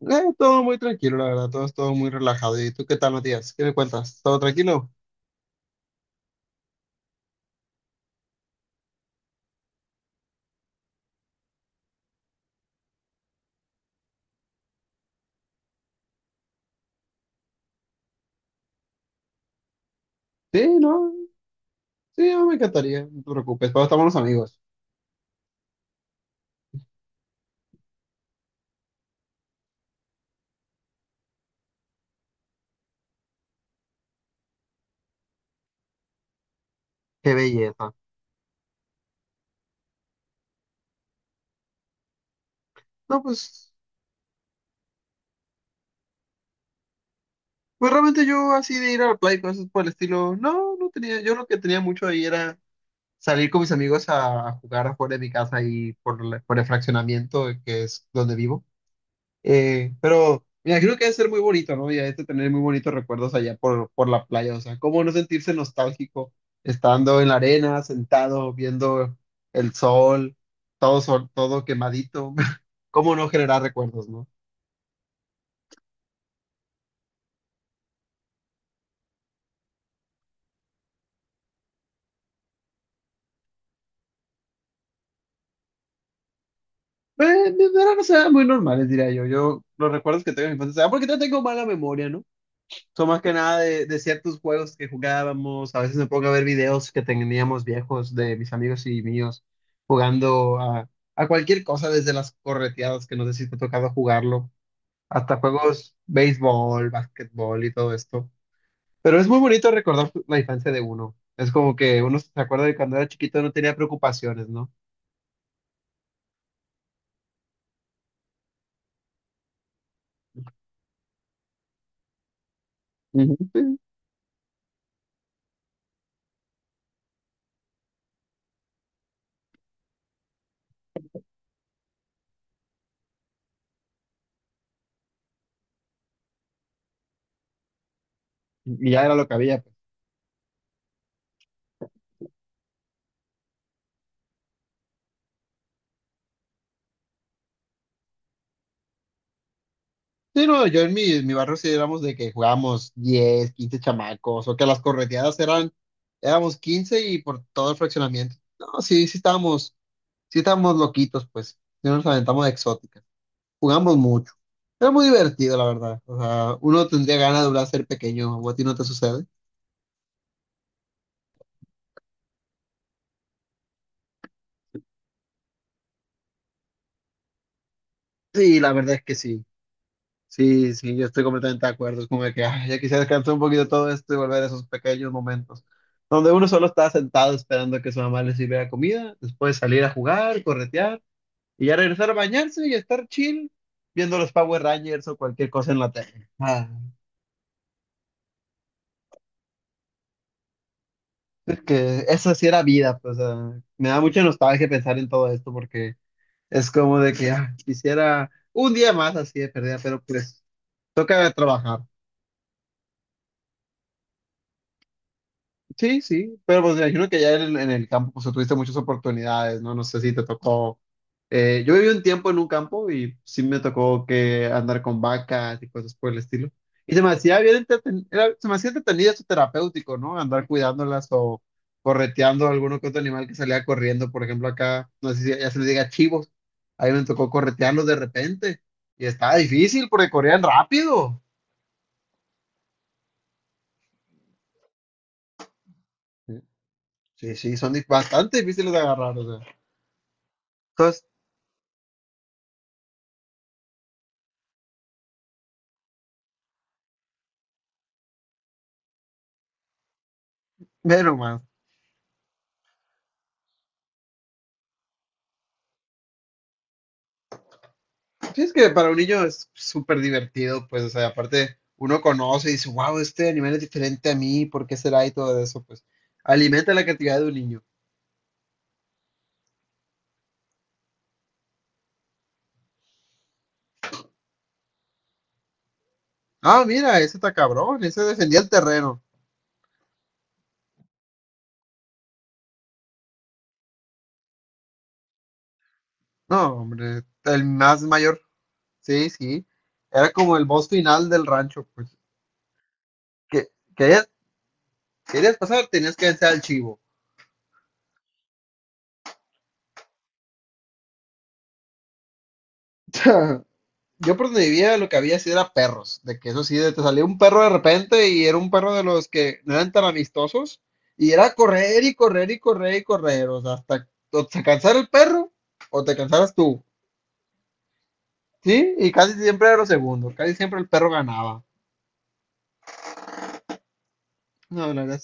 Todo muy tranquilo, la verdad, todo muy relajado. ¿Y tú qué tal, Matías? ¿Qué me cuentas? ¿Todo tranquilo? Sí, no, sí, no me encantaría, no te preocupes, todos estamos los amigos. Qué belleza. No, pues realmente yo así de ir a la playa y cosas por el estilo, no, no tenía, yo lo que tenía mucho ahí era salir con mis amigos a jugar afuera de mi casa ahí por el fraccionamiento que es donde vivo. Pero me imagino que debe ser muy bonito, ¿no? Y hay que tener muy bonitos recuerdos allá por la playa. O sea, ¿cómo no sentirse nostálgico estando en la arena, sentado, viendo el sol, todo quemadito? ¿Cómo no generar recuerdos, no? Eh, Eran, o sea, muy normales, diría yo. Yo los recuerdos que tengo en mi infancia, ah, porque no tengo mala memoria, ¿no? Son más que nada de ciertos juegos que jugábamos. A veces me pongo a ver videos que teníamos viejos de mis amigos y míos jugando a cualquier cosa, desde las correteadas, que no sé si te ha tocado jugarlo, hasta juegos béisbol, básquetbol y todo esto. Pero es muy bonito recordar la infancia de uno. Es como que uno se acuerda de cuando era chiquito no tenía preocupaciones, ¿no? Ujú. Sí. Y ya era lo que había. Sí, no, yo en mi barrio sí éramos de que jugábamos 10, 15 chamacos, o que las correteadas eran, éramos 15 y por todo el fraccionamiento. No, sí, sí estábamos loquitos, pues, sí nos aventamos de exóticas, jugamos mucho. Era muy divertido, la verdad. O sea, uno tendría ganas de volver a ser pequeño, ¿o a ti no te sucede? Sí, la verdad es que sí. Sí, sí, yo estoy completamente de acuerdo. Es como de que ay, ya quisiera descansar un poquito todo esto y volver a esos pequeños momentos donde uno solo estaba sentado esperando que su mamá le sirviera comida, después salir a jugar, corretear y ya regresar a bañarse y estar chill viendo los Power Rangers o cualquier cosa en la tele. Ah, es que eso sí era vida, pues, me da mucha nostalgia pensar en todo esto porque es como de que quisiera un día más así de perdida, pero pues toca trabajar. Sí, sí, pero pues me imagino que ya en el campo pues tuviste muchas oportunidades, ¿no? No sé si te tocó. Yo viví un tiempo en un campo y sí me tocó que andar con vacas y cosas por el estilo. Y se me hacía entretenido esto terapéutico, ¿no? Andar cuidándolas o correteando a alguno que otro animal que salía corriendo. Por ejemplo, acá, no sé si ya se le diga chivos. Ahí me tocó corretearlos de repente. Y estaba difícil porque corrían rápido. Sí, sí, son bastante difíciles de agarrar, o sea. Entonces, menos más. Sí, es que para un niño es súper divertido, pues, o sea, aparte uno conoce y dice, wow, este animal es diferente a mí, ¿por qué será? Y todo eso, pues, alimenta la creatividad de un niño. Ah, mira, ese está cabrón, ese defendía el terreno. No, hombre, el más mayor, sí, sí. Era como el boss final del rancho, pues, que querías, querías pasar, tenías que vencer al chivo. Yo por donde vivía lo que había sí era perros, de que eso sí, te salía un perro de repente y era un perro de los que no eran tan amistosos y era correr y correr y correr y correr, o sea, hasta o se cansara el perro o te cansaras tú, ¿sí? Y casi siempre era lo segundo, casi siempre el perro ganaba. No, la verdad.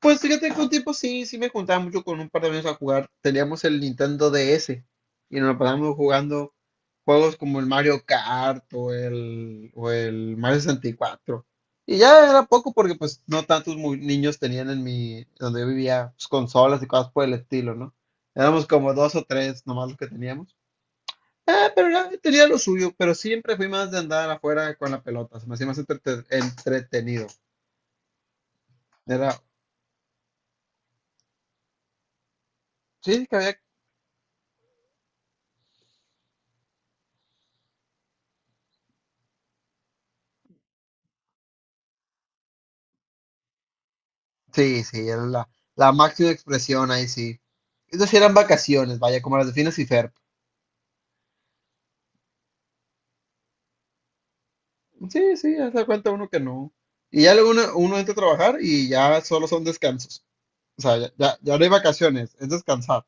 Pues fíjate que un tiempo sí, sí me juntaba mucho con un par de amigos a jugar. Teníamos el Nintendo DS y nos la pasábamos jugando juegos como el Mario Kart o el Mario 64. Y cuatro. Y ya era poco porque pues no tantos niños tenían donde yo vivía, pues, consolas y cosas por el estilo, ¿no? Éramos como dos o tres nomás los que teníamos. Ah, pero tenía lo suyo, pero siempre fui más de andar afuera con la pelota, se me hacía más entretenido. Era, sí, que había. Sí, sí, era la máxima expresión ahí, sí. Esas sí eran vacaciones, vaya, como las de Phineas y Ferb. Sí, sí, haz de cuenta uno que no. Y ya luego uno entra a trabajar y ya solo son descansos. O sea, ya, ya, ya no hay vacaciones, es descansar.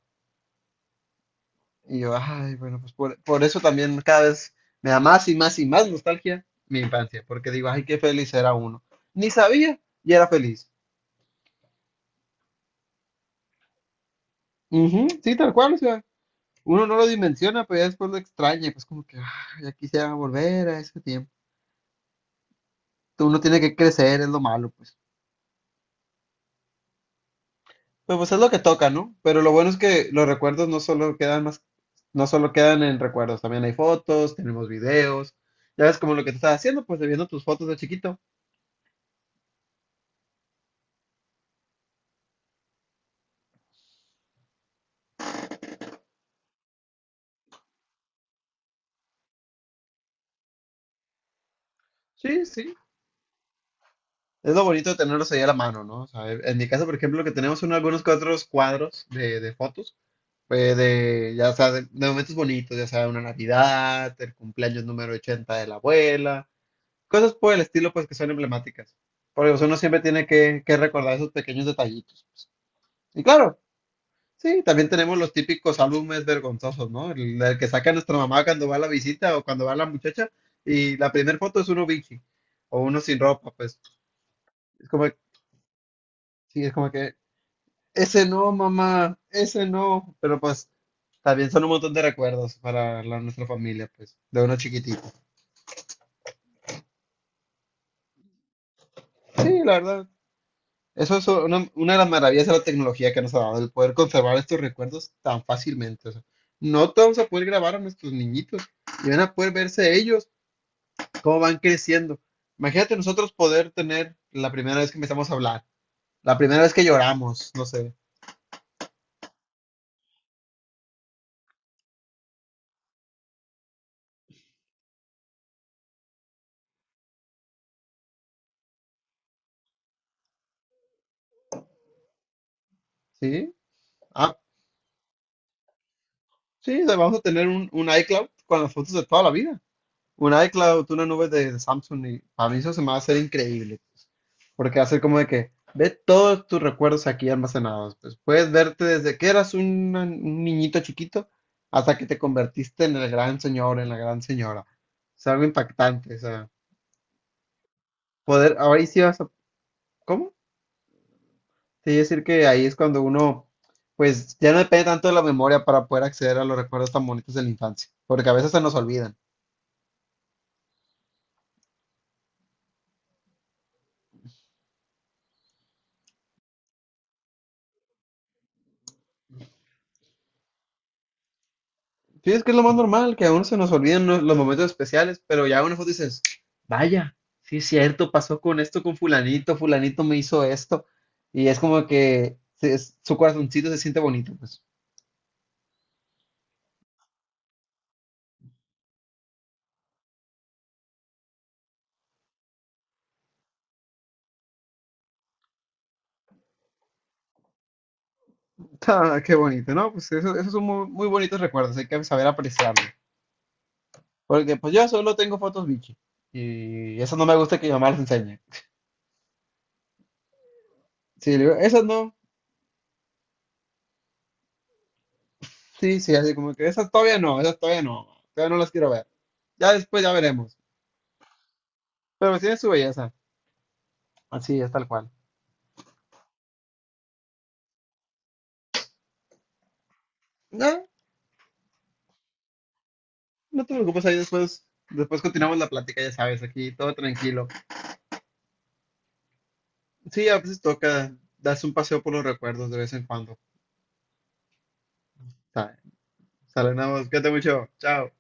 Y yo, ay, bueno, pues por eso también cada vez me da más y más y más nostalgia mi infancia, porque digo, ay, qué feliz era uno. Ni sabía y era feliz. Ujú, sí, tal cual, o sea, uno no lo dimensiona, pero ya después lo extraña, y pues como que, ah, ya quisiera volver a ese tiempo. Uno tiene que crecer, es lo malo, pues. Pero pues es lo que toca, ¿no? Pero lo bueno es que los recuerdos no solo quedan más, no solo quedan en recuerdos, también hay fotos, tenemos videos. Ya ves como lo que te estás haciendo, pues viendo tus fotos de chiquito. Sí, sí. Es lo bonito de tenerlos ahí a la mano, ¿no? O sea, en mi caso, por ejemplo, que tenemos algunos que otros cuadros de fotos, pues de, ya sea, de momentos bonitos, ya sea una Navidad, el cumpleaños número 80 de la abuela. Cosas por el estilo, pues que son emblemáticas. Porque pues, uno siempre tiene que recordar esos pequeños detallitos. Y claro, sí, también tenemos los típicos álbumes vergonzosos, ¿no? El que saca nuestra mamá cuando va a la visita o cuando va la muchacha y la primera foto es uno bichi o uno sin ropa, pues es como, sí, es como que, ese no, mamá, ese no. Pero pues también son un montón de recuerdos para nuestra familia, pues, de uno chiquitito. Sí, la verdad, eso es una de las maravillas de la tecnología que nos ha dado, el poder conservar estos recuerdos tan fácilmente. O sea, no te vamos a poder grabar a nuestros niñitos y van a poder verse ellos cómo van creciendo. Imagínate nosotros poder tener la primera vez que empezamos a hablar, la primera vez que lloramos, no sé, ¿sí? Ah, sí, o sea, vamos a tener un iCloud con las fotos de toda la vida. Un iCloud, una nube de Samsung, y a mí eso se me va a hacer increíble, pues, porque va a ser como de que ve todos tus recuerdos aquí almacenados, pues puedes verte desde que eras un niñito chiquito hasta que te convertiste en el gran señor, en la gran señora. Es algo impactante, o sea, poder, ahora sí vas a, ¿cómo? Te iba a decir que ahí es cuando uno, pues ya no depende tanto de la memoria para poder acceder a los recuerdos tan bonitos de la infancia, porque a veces se nos olvidan. Sí, es que es lo más normal, que aún se nos olvidan los momentos especiales, pero ya una foto dices, vaya, sí es cierto, pasó con esto, con fulanito, fulanito me hizo esto, y es como que su corazoncito se siente bonito, pues. Ah, qué bonito, ¿no? Pues eso, esos son muy, muy bonitos recuerdos, hay que saber apreciarlos. Porque pues yo solo tengo fotos bichi, y esas no me gusta que mi mamá las enseñe. Sí, le digo, esas no, sí, sí, así como que esas todavía no las quiero ver. Ya después ya veremos, pero tiene su belleza, así es tal cual. No, no te preocupes, ahí después continuamos la plática, ya sabes, aquí todo tranquilo. Sí, a veces toca darse un paseo por los recuerdos de vez en cuando. Sale, sale, nada más, cuídate mucho, chao.